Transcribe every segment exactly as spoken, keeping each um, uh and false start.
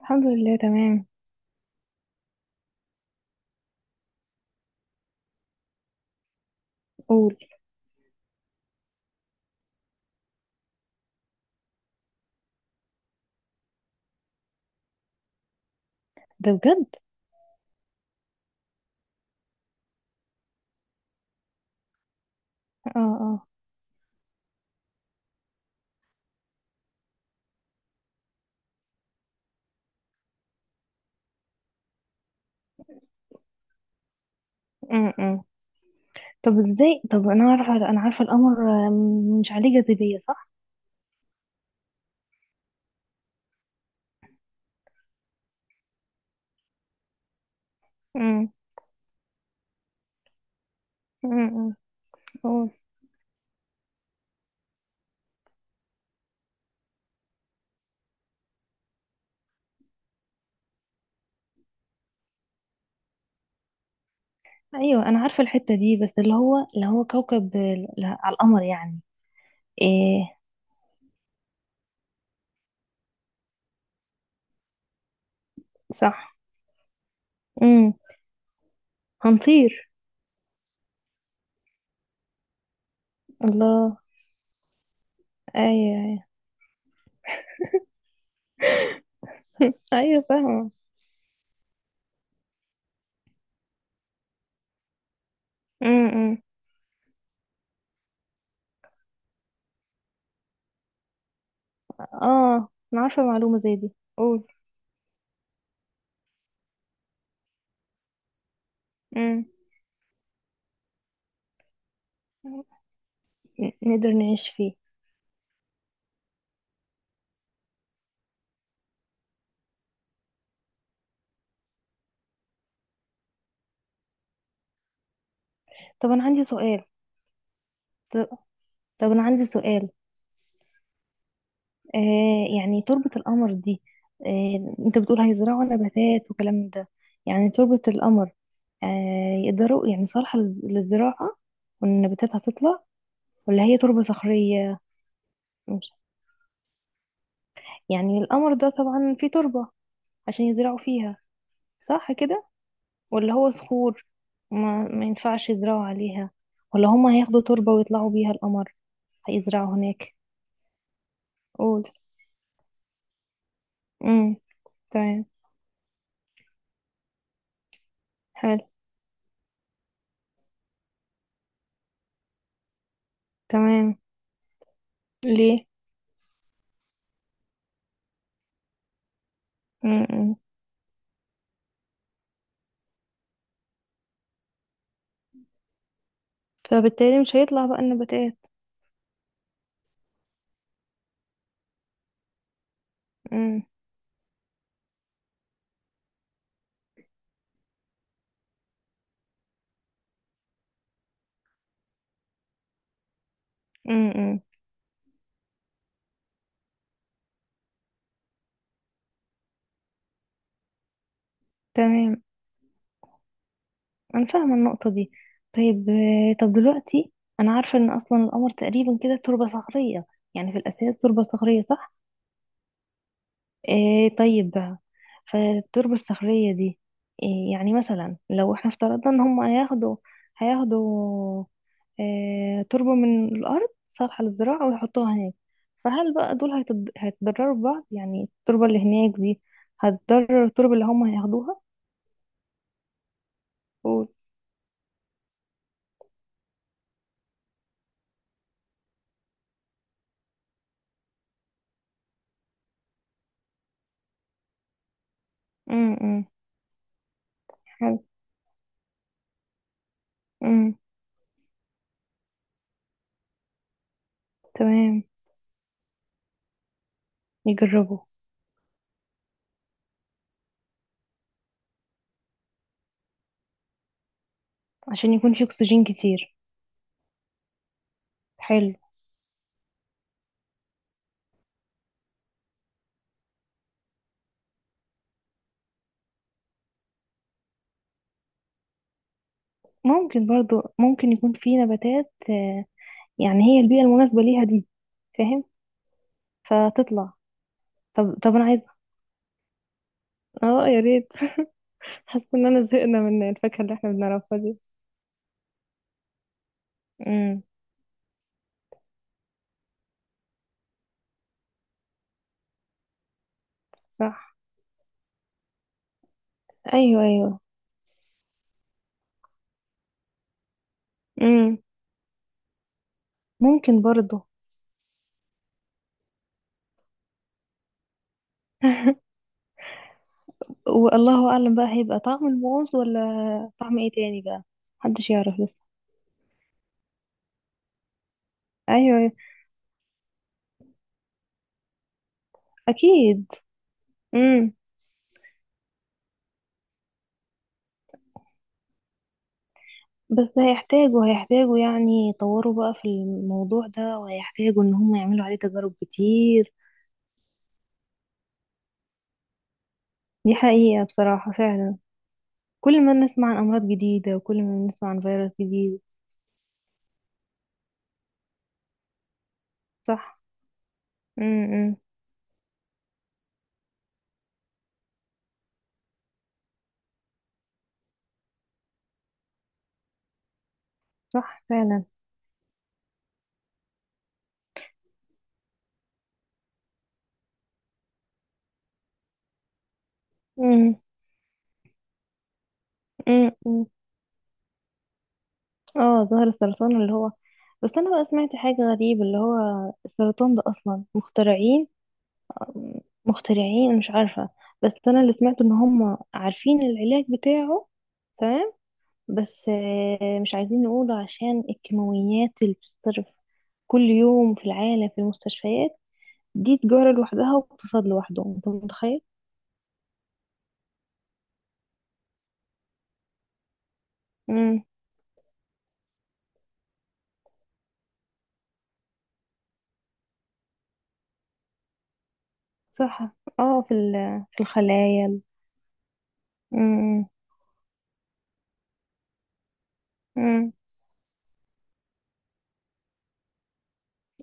الحمد لله تمام. قول. ده بجد؟ اه، اه. أم، أم. طب، ازاي؟ طب، انا عارفه انا عارفه القمر، آم، مش عليه جاذبيه، صح؟ أم، أم، أم. قول. ايوه، انا عارفه الحته دي، بس اللي هو اللي هو كوكب ال- ال- على القمر يعني. ايه، صح. امم. هنطير. الله. ايوه، ايوه. ايوه، فاهمه. أم، أم. اه، انا عارفه معلومه زي دي. قول. أم. ن- نقدر نعيش فيه؟ طب، انا عندي سؤال. طب طب انا عندي سؤال. آه يعني تربة القمر دي، آه انت بتقول هيزرعوا نباتات وكلام ده. يعني تربة القمر، آه يقدروا يعني صالحة للز- للزراعة، والنباتات هتطلع؟ ولا هي تربة صخرية؟ مش يعني القمر ده طبعا فيه تربة عشان يزرعوا فيها، صح كده؟ ولا هو صخور؟ ما, ما ينفعش يزرعوا عليها، ولا هما هياخدوا تربة ويطلعوا بيها القمر؟ هيزرعوا هناك؟ قول. امم. تمام. حلو. تمام. ليه؟ فبالتالي مش هيطلع بقى النباتات. امم، امم. امم. تمام. انا فاهمه النقطه دي. طيب، آه، طب دلوقتي، انا عارفه ان اصلا القمر تقريبا كده تربه صخريه. يعني في الاساس تربه صخريه، صح؟ إيه؟ طيب بقى، فالتربة الصخرية دي، إيه يعني مثلا لو احنا افترضنا ان هم هياخدوا هياخدوا إيه تربة من الأرض صالحة للزراعة ويحطوها هناك، فهل بقى دول هيتض- هيتضرروا ببعض؟ يعني التربة اللي هناك دي هتضرر التربة اللي هم هياخدوها؟ و... م -م. حلو. م. تمام. يجربوا. عشان يكون في أكسجين كتير. حلو. ممكن برضو، ممكن يكون في نباتات، آه، يعني هي البيئة المناسبة ليها دي. فاهم؟ فتطلع. طب، طب انا عايزه. اه، يا ريت. حاسه اننا زهقنا من الفاكهه اللي احنا بنعرفها دي. امم. صح. ايوه، ايوه. امم. ممكن برضه. والله اعلم بقى هيبقى طعم الموز، ولا طعم ايه تاني بقى؟ محدش يعرف لسه. ايوه، أيوة. اكيد. امم. بس هيحتاجوا هيحتاجوا يعني يطوروا بقى في الموضوع ده، وهيحتاجوا ان هم يعملوا عليه تجارب كتير. دي حقيقة، بصراحة فعلا. كل ما نسمع عن امراض جديدة، وكل ما نسمع عن فيروس جديد. صح. امم. صح فعلا. امم، امم. اه، ظهر السرطان اللي هو، بس انا بقى سمعت حاجة غريبة، اللي هو السرطان ده اصلا مخترعين. مخترعين، مش عارفة. بس انا اللي سمعته ان هم عارفين العلاج بتاعه. تمام. بس آه، مش عايزين نقوله عشان الكيماويات اللي بتصرف كل يوم في العالم في المستشفيات، دي تجارة لوحدها واقتصاد لوحده، انت متخيل؟ امم. صح. اه، في ال- في الخلايا. امم.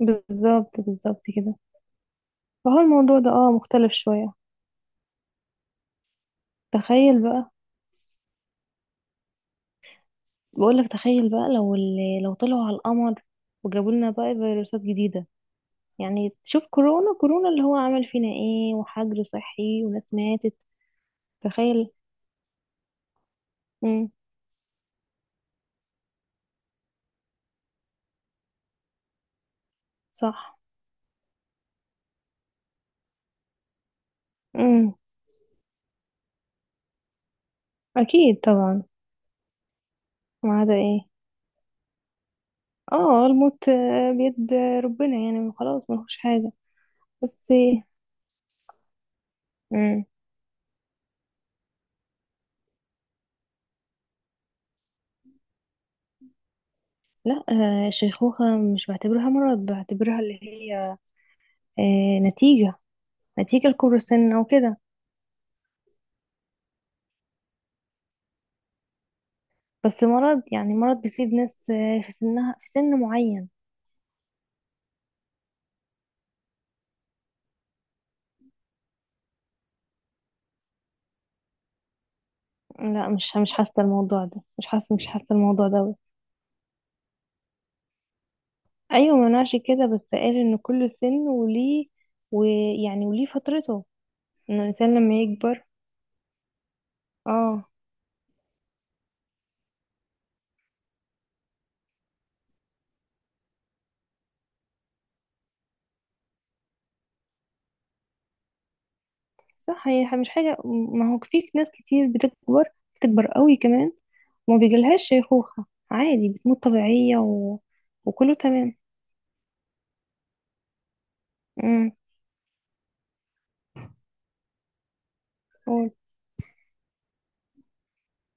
بالظبط، بالظبط كده. فهو الموضوع ده اه مختلف شوية. تخيل بقى. بقولك تخيل بقى، لو ال- لو طلعوا على القمر وجابوا لنا بقى فيروسات جديدة، يعني شوف كورونا، كورونا اللي هو عمل فينا ايه، وحجر صحي، وناس ماتت. تخيل. امم. صح. امم. اكيد طبعا. ما عدا ايه؟ اه، الموت. آه، بيد ربنا، يعني خلاص ما فيهوش حاجة. بس. امم. لا، آه، الشيخوخة مش بعتبرها مرض، بعتبرها اللي هي آه، نتيجة، نتيجة لكبر السن وكده. بس مرض، يعني مرض بيصيب ناس آه، في سنها، في سن معين. لا، مش مش حاسة الموضوع ده، مش حاسة مش حاسة الموضوع ده أوي. ايوه، ما نوعش كده، بس قال ان كل سن وليه، ويعني وليه فترته، ان الانسان لما يكبر. اه. صح، هي مش حاجة، ما هو في ناس كتير بتكبر، بتكبر قوي كمان، وما بيجيلهاش شيخوخة، عادي بتموت طبيعية و... وكله تمام. امم. قول.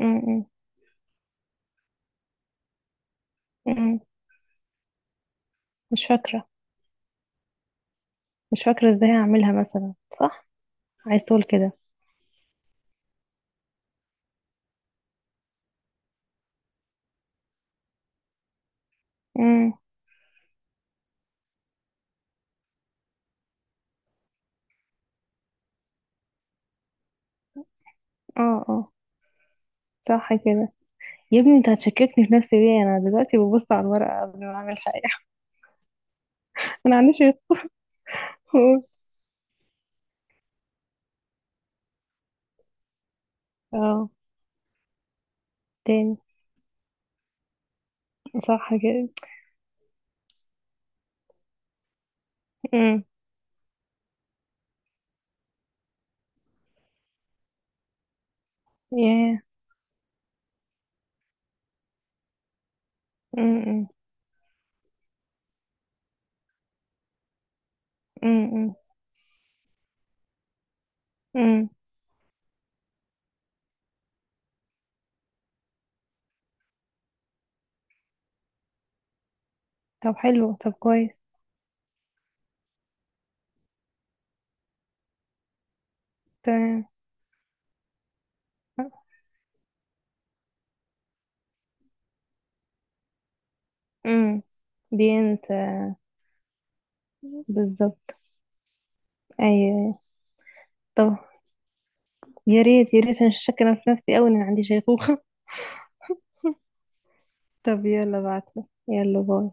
امم، أمم. أمم. مش فاكرة. مش فاكرة ازاي هعملها مثلا. صح. عايز تقول كده؟ امم. اه، اه. صح كده. يا ابني، انت هتشككني في نفسي ليه؟ انا دلوقتي ببص على الورقة قبل ما اعمل حاجة. انا عنديش. يقول. اه. تاني. صح كده. امم. ياه. امم، امم، امم. طب حلو، طب كويس. تمام. امم. بينسى. بالظبط. ايوه، ايوه. طب، يا ريت، يا ريت، انا مش شاكه في نفسي قوي ان انا عندي شيخوخة. طب، يلا بعتلي. يلا، باي.